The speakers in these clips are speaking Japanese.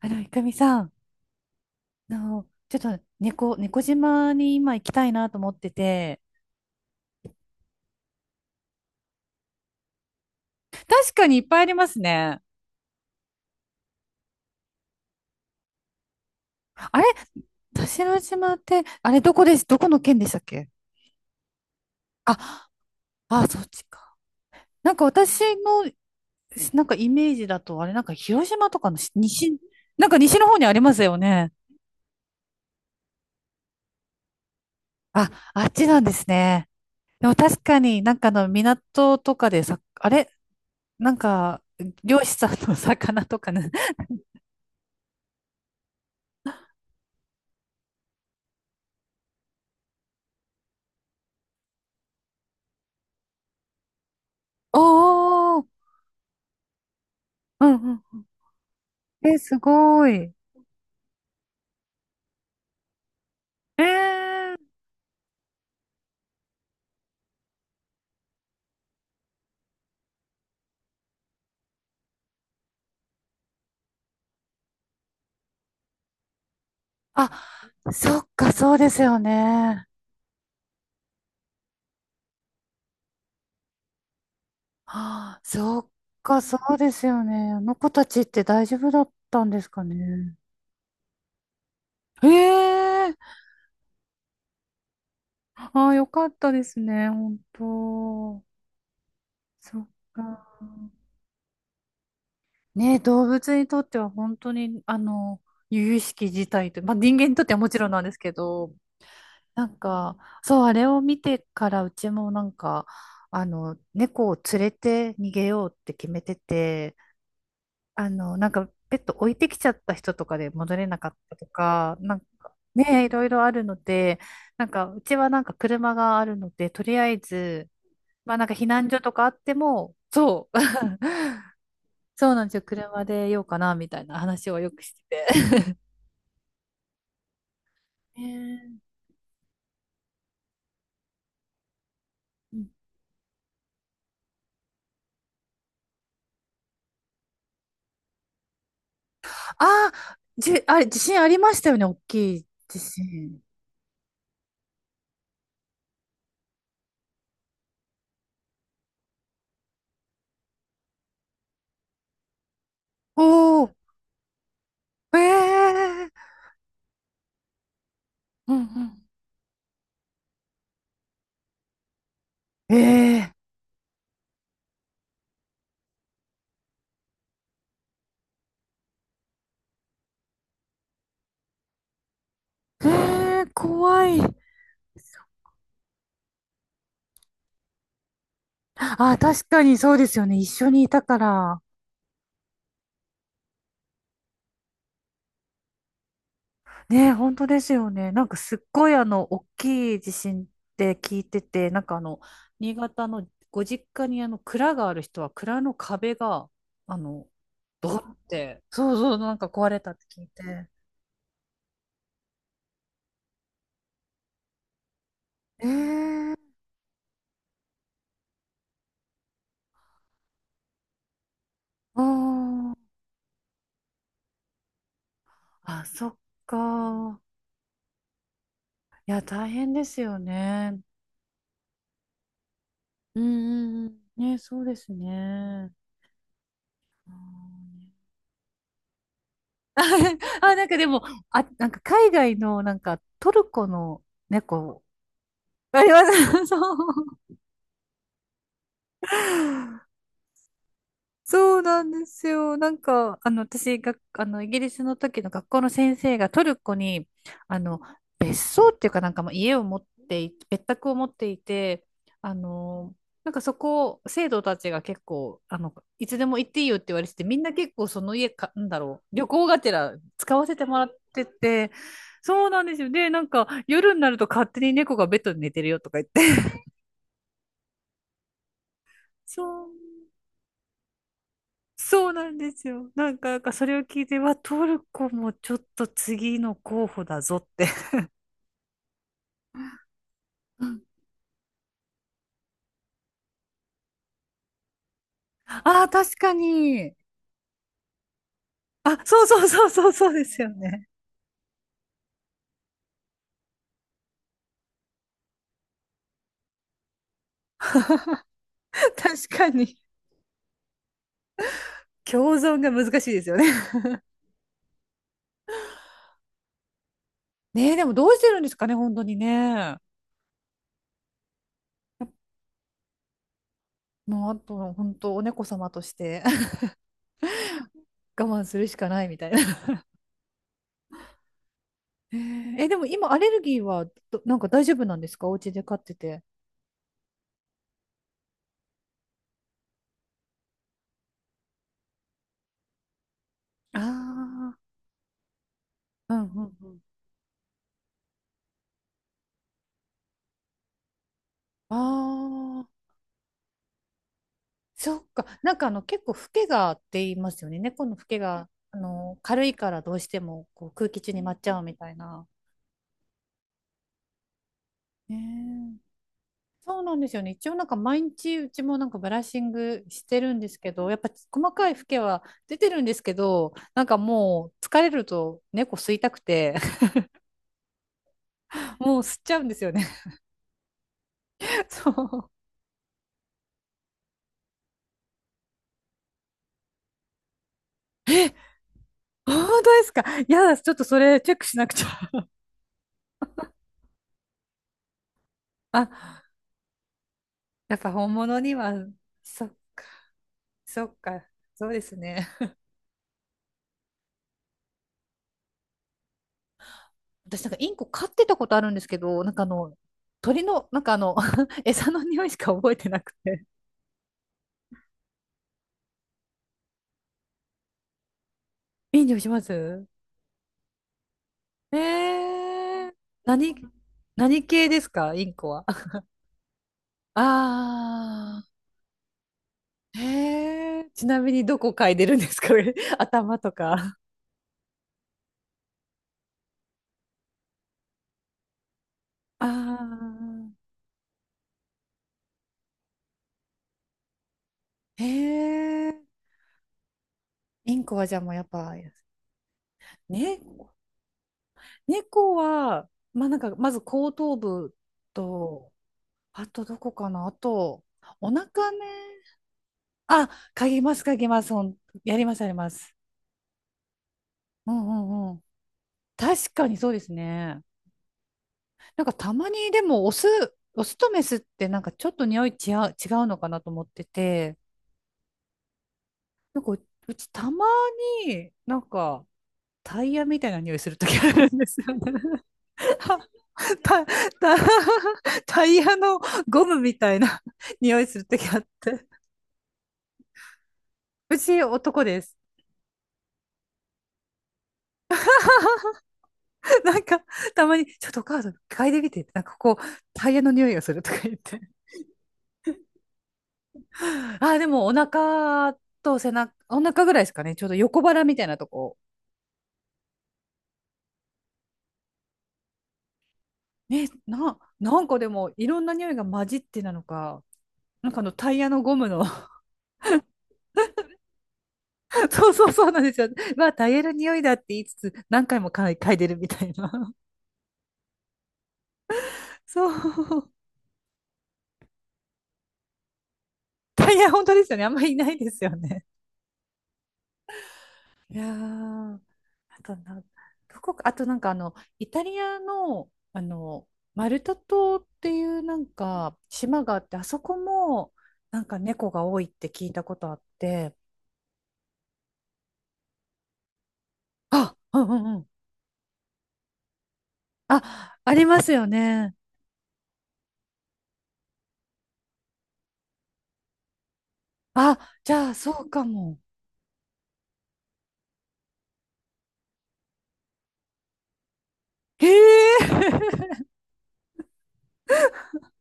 いくみさん、ちょっと猫島に今行きたいなと思ってて、確かにいっぱいありますね。あれ、田代島って、あれ、どこです、どこの県でしたっけ？あ、あ、そっちか。なんか私の、イメージだと、あれ、なんか広島とかのし西、なんか西の方にありますよね。あ、あっちなんですね。でも確かにあの港とかでさ、あれ、なんか漁師さんの魚とかね。おー、うんうん、え、すごい。ええ、あ、そっか、そうですよね。ああ、そっか、そうですよね。あの子たちって大丈夫だったんですかね。ええ、ああ、よかったですね、本当。そっか。ね、動物にとっては本当に、あの、由々しき事態と、まあ人間にとってはもちろんなんですけど、なんか、そう、あれを見てからうちもなんか、あの、猫を連れて逃げようって決めてて、あの、なんか、ペット置いてきちゃった人とかで戻れなかったとか、なんか、ね、いろいろあるので、なんか、うちはなんか車があるので、とりあえず、まあなんか避難所とかあっても、そう、そうなんですよ、車でようかな、みたいな話をよくしてて。ねえ、うん、ああ、じ、あれ、地震ありましたよね、大きい地震。おー、ええ、うんうん、ええええ怖い。あ、確かにそうですよね。一緒にいたから。ね、本当ですよね。なんかすっごいあの、大きい地震って聞いてて、なんかあの、新潟のご実家にあの、蔵がある人は蔵の壁が、あの、ドンって、そうそう、なんか壊れたって聞いて。ええ、あ、あー、あ、そっか。いや、大変ですよね。うんうんうん。ね、そうですね。あーね。 あ、なんかでも、あ、なんか海外の、なんかトルコの猫、あります。そう。そうなんですよ。なんか、あの、私が、あの、イギリスの時の学校の先生がトルコに、あの、別荘っていうかなんかまあ家を持ってい、別宅を持っていて、あの、なんかそこ、生徒たちが結構、あの、いつでも行っていいよって言われてて、みんな結構その家か、なんだろう、旅行がてら使わせてもらってて、そうなんですよ。で、なんか夜になると勝手に猫がベッドで寝てるよとか言って。そう。そうなんですよ。なんか、なんかそれを聞いて、わ、トルコもちょっと次の候補だぞって。うん、ああ、確かに。あ、そうそうそうそう、そうですよね。確かに。共存が難しいですよね。ねえ、でもどうしてるんですかね、本当にね。もうあと、本当、お猫様として、 我慢するしかないみたいな。えー、えでも今、アレルギーはどなんか大丈夫なんですか？お家で飼ってて。ああ、うんうんうん。ああ。そっか。なんかあの結構フケがって言いますよね。猫のフケがあの軽いからどうしてもこう空気中に舞っちゃうみたいな。ねえ、そうなんですよね。一応なんか毎日うちもなんかブラッシングしてるんですけど、やっぱ細かいフケは出てるんですけど、なんかもう疲れると猫吸いたくて、もう吸っちゃうんですよね。そう。え、本当ですか？いやだ、ちょっとそれチェックしなくちゃ。あ、やっぱ本物には、そっか、そっか、そうですね。私なんかインコ飼ってたことあるんですけど、なんかあの、鳥の、なんかあの、餌の匂いしか覚えてなくて。いい匂いします？えー、何、何系ですか、インコは。あー、えー、ちなみにどこ嗅いでるんですか？ 頭とか。あー、えー、インコはじゃあもうやっぱ、ね、猫は、まあなんか、まず後頭部と、あとどこかな、あと、お腹ね、あ、書きます、書きます。ほん、やります、やります。うんうんうん。確かにそうですね。なんかたまにでもオスとメスってなんかちょっと匂い違う、違うのかなと思ってて、ううちたまになんかタイヤみたいな匂いするときあるんですよね。タタタイヤのゴムみたいな匂いするときあって。うち男です。なんかたまにちょっとお母さん嗅いでみてって、なんかこうタイヤの匂いがするとか言って。あ、でもお腹と背中、お腹ぐらいですかね。ちょうど横腹みたいなとこ。ね、な、なんかでもいろんな匂いが混じってなのか、なんかあのタイヤのゴムの。 そうそうそうなんですよ。まあタイヤの匂いだって言いつつ何回も嗅いでるみたいな。そう。タイヤ本当ですよね。あんまりいないですよね。いやー、あとな、どこか、あとなんかあの、イタリアの、あの、マルタ島っていうなんか島があって、あそこもなんか猫が多いって聞いたことあって、あ、うんうんうん。あ、ありますよね。あ、じゃあそうかも。へえ、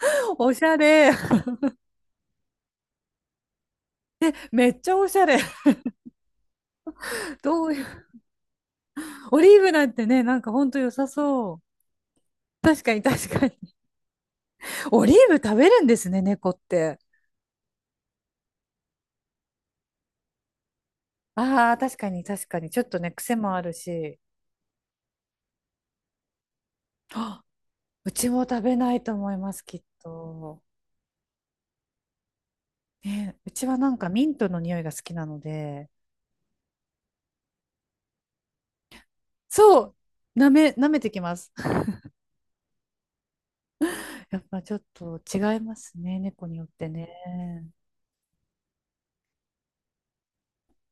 おしゃれ。めっちゃおしゃれ。どういう、オリーブなんてね、なんかほんと良さそう。確かに確かに。オリーブ食べるんですね、猫って。ああ、確かに確かに。ちょっとね、癖もあるし。あ、うちも食べないと思います、きっと。ね、うちはなんかミントの匂いが好きなので、そう、舐めてきます。やっぱちょっと違いますね、猫によってね。